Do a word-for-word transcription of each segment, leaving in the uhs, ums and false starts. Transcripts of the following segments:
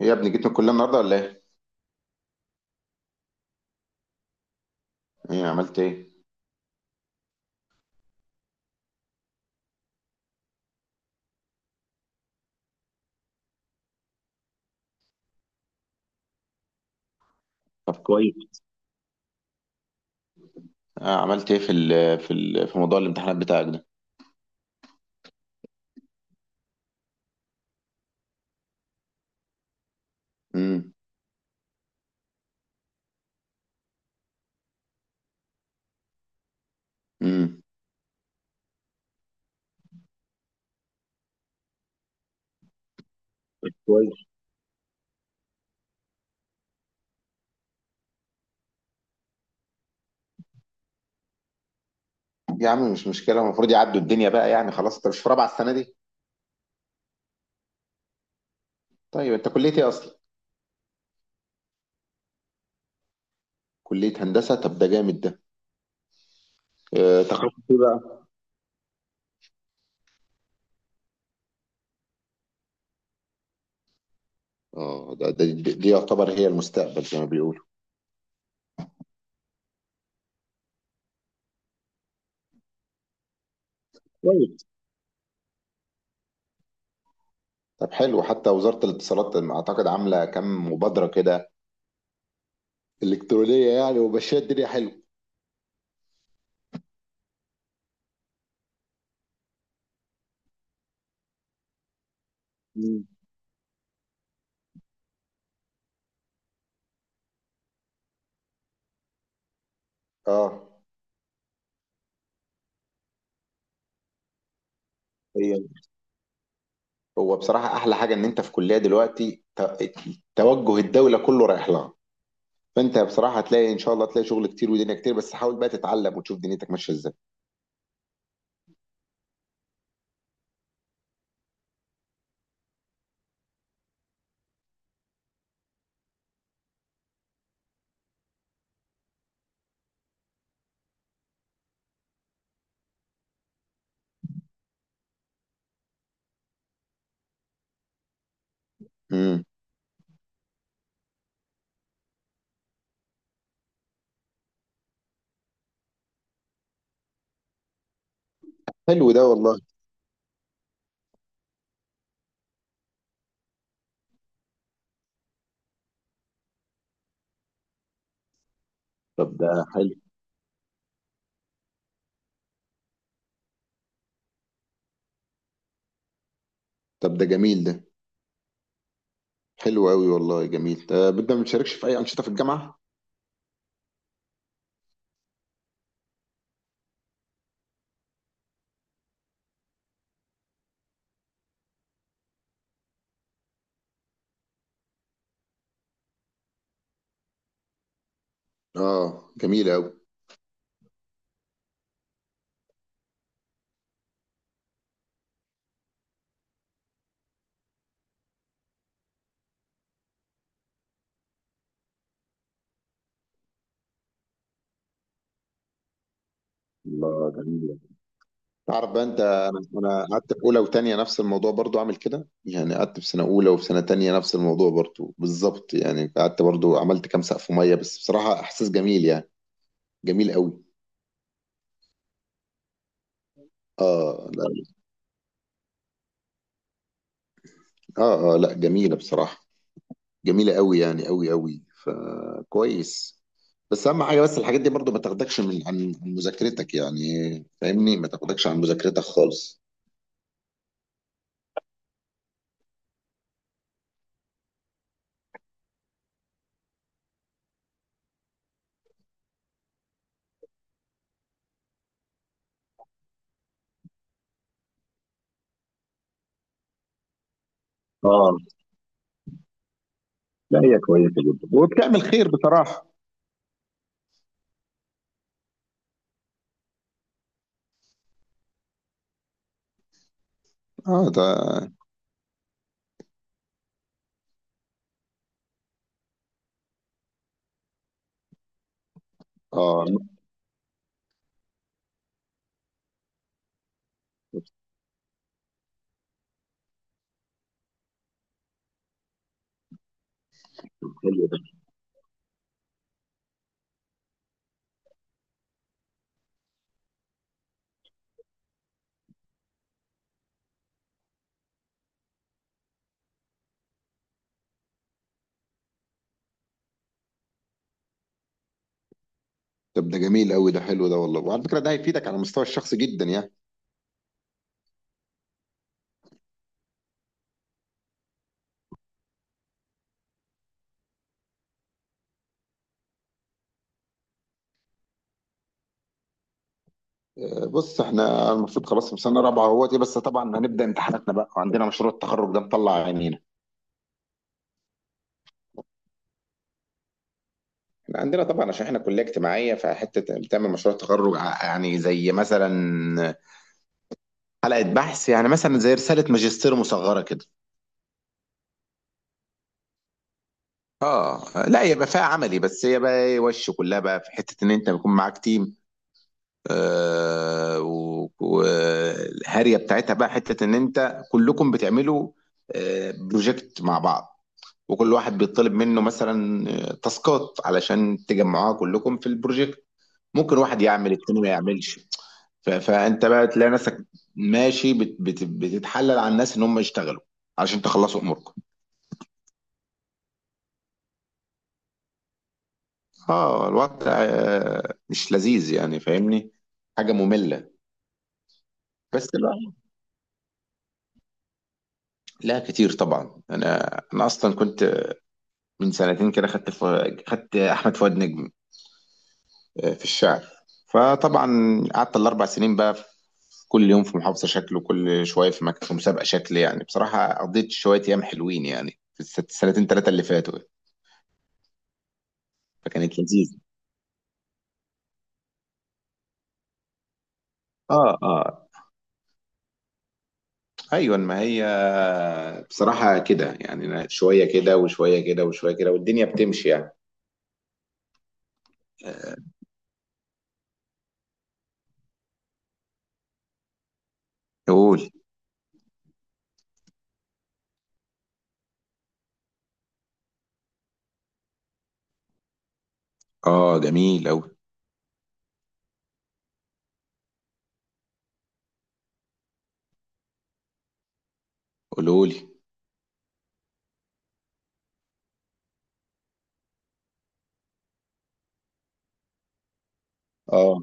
إيه يا ابني جيت من الكليه النهارده ولا ايه؟ ايه عملت ايه؟ طب كويس. آه عملت ايه في ال في ال في موضوع الامتحانات بتاعك ده؟ امم. امم. كويس. يا عم مش مشكله، المفروض يعدوا الدنيا بقى يعني، خلاص انت مش في رابعه السنه دي؟ طيب انت كليه ايه اصلا؟ كليه هندسه، طب ده جامد ده. آه تخصص ايه بقى؟ اه، ده, ده دي, دي يعتبر هي المستقبل زي ما بيقولوا. كويس. طب حلو، حتى وزاره الاتصالات اعتقد عامله كام مبادره كده الكترونيه يعني، وماشيه الدنيا حلو. مم. اه، هو بصراحة أحلى حاجة إن أنت في كلية دلوقتي، ت- توجه الدولة كله رايح لها، فأنت بصراحة هتلاقي إن شاء الله، هتلاقي شغل كتير ودنيا كتير، بس حاول بقى تتعلم وتشوف دنيتك ماشية إزاي. امم. حلو ده والله. طب ده حلو. طب ده جميل ده. حلو أوي والله، جميل، آه، بدنا ما بتشاركش في أي أنشطة في الجامعة؟ آه جميل أوي. الله جميل. تعرف بقى انت، انا انا قعدت في اولى وتانية نفس الموضوع برضو، عامل كده يعني، قعدت في سنه اولى وفي سنه تانية نفس الموضوع برضو بالظبط يعني، قعدت برضو عملت كام سقف ميه، بس بصراحه احساس جميل يعني. جميل قوي. اه لا. اه اه لا، جميله بصراحه، جميله قوي يعني، قوي قوي، فكويس. بس اهم حاجه، بس الحاجات دي برضو ما تاخدكش من عن عن مذاكرتك يعني. فاهمني، ما تاخدكش عن مذاكرتك خالص. اه لا، هي كويسه جدا وبتعمل خير بصراحه. اه ده. اه حلو ده. طب ده جميل قوي ده، حلو ده والله، وعلى فكره ده هيفيدك على المستوى الشخصي جدا يعني. آه، بص احنا المفروض خلاص في سنه رابعه اهوت، بس طبعا هنبدا امتحاناتنا بقى، وعندنا مشروع التخرج ده مطلع عينينا. احنا عندنا طبعا، عشان احنا كليه اجتماعيه، فحته بتعمل مشروع تخرج، ع- يعني زي مثلا حلقه بحث يعني، مثلا زي رساله ماجستير مصغره كده. اه لا، يبقى فيها عملي، بس هي بقى إيه وش كلها بقى في حته ان انت بيكون معاك تيم. آه، والهاريه بتاعتها بقى حته ان انت كلكم بتعملوا آه بروجكت مع بعض، وكل واحد بيطلب منه مثلا آه، تاسكات علشان تجمعوها كلكم في البروجكت، ممكن واحد يعمل التاني ما يعملش. ف- فانت بقى تلاقي نفسك ماشي بت بت بتتحلل على الناس ان هم يشتغلوا علشان تخلصوا اموركم. اه الوضع آه، مش لذيذ يعني، فاهمني، حاجه ممله. بس لا. لا كتير طبعا، انا انا اصلا كنت من سنتين كده، خدت ف... خدت احمد فؤاد نجم آه، في الشعر. فطبعا قعدت الاربع سنين بقى في كل يوم في محافظه شكل، وكل شويه في مكان في مسابقه شكل يعني، بصراحه قضيت شويه ايام حلوين يعني في السنتين ثلاثه اللي فاتوا، فكانت لذيذه. اه اه، ايوه ما هي بصراحة كده يعني، أنا شوية كده وشوية كده وشوية كده والدنيا بتمشي يعني. قول. اه جميل اوي. قولولي. اه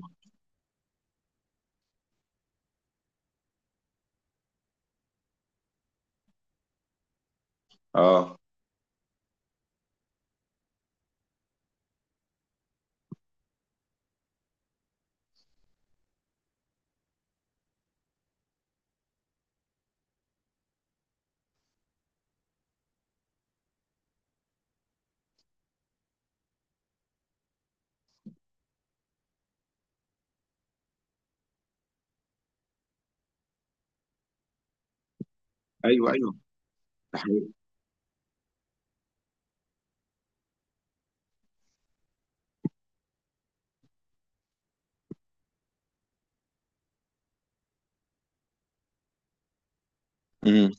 اه، ايوه ايوه، ده حقيقي. امم.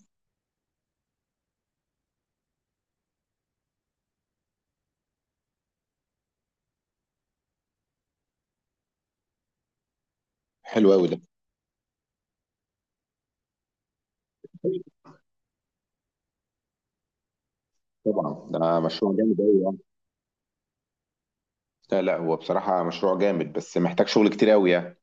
حلو قوي ده. طبعا ده مشروع جامد قوي يعني. لا لا، هو بصراحة مشروع جامد بس محتاج شغل كتير قوي يعني.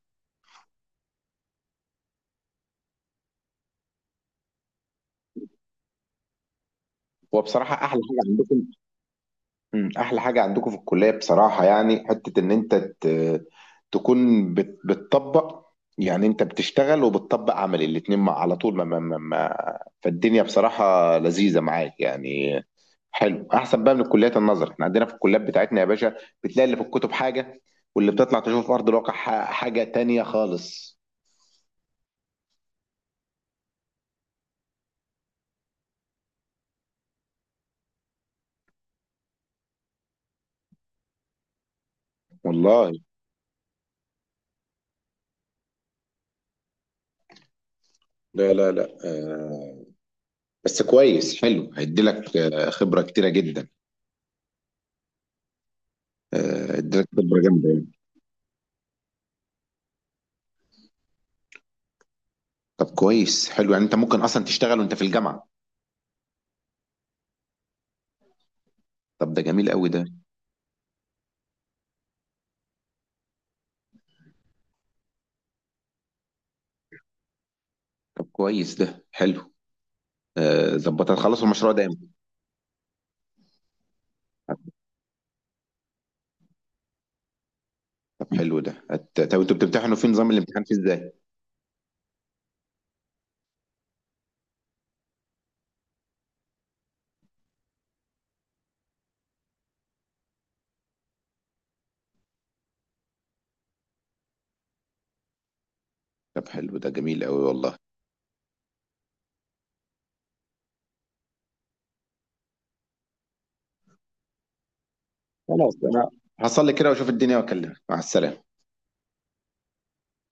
هو بصراحة احلى حاجة عندكم، مم. احلى حاجه عندكم في الكليه بصراحه يعني حته ان انت ت- تكون بت- بتطبق، يعني انت بتشتغل وبتطبق عملي الاتنين مع على طول، ما ما ما ما- فالدنيا بصراحه لذيذه معاك يعني. حلو، احسن بقى من الكليات النظر، احنا عندنا في الكليات بتاعتنا يا باشا بتلاقي اللي في الكتب حاجه، واللي بتطلع تشوف في ارض الواقع ح- حاجه تانية خالص والله. لا لا لا، آه، بس كويس، حلو هيديلك آه، خبره كتيره جدا. آه، هيديلك خبره جامده. طب كويس، حلو، يعني انت ممكن اصلا تشتغل وانت في الجامعه. طب ده جميل قوي ده. طب كويس ده حلو. آه، ظبط هتخلصوا المشروع ده امتى؟ طب حلو ده، هت- طب انتوا بتمتحنوا في نظام الامتحان فيه ازاي؟ طب حلو ده، جميل قوي والله. خلاص، انا هصلي كده واشوف الدنيا واكلمك. مع السلامه.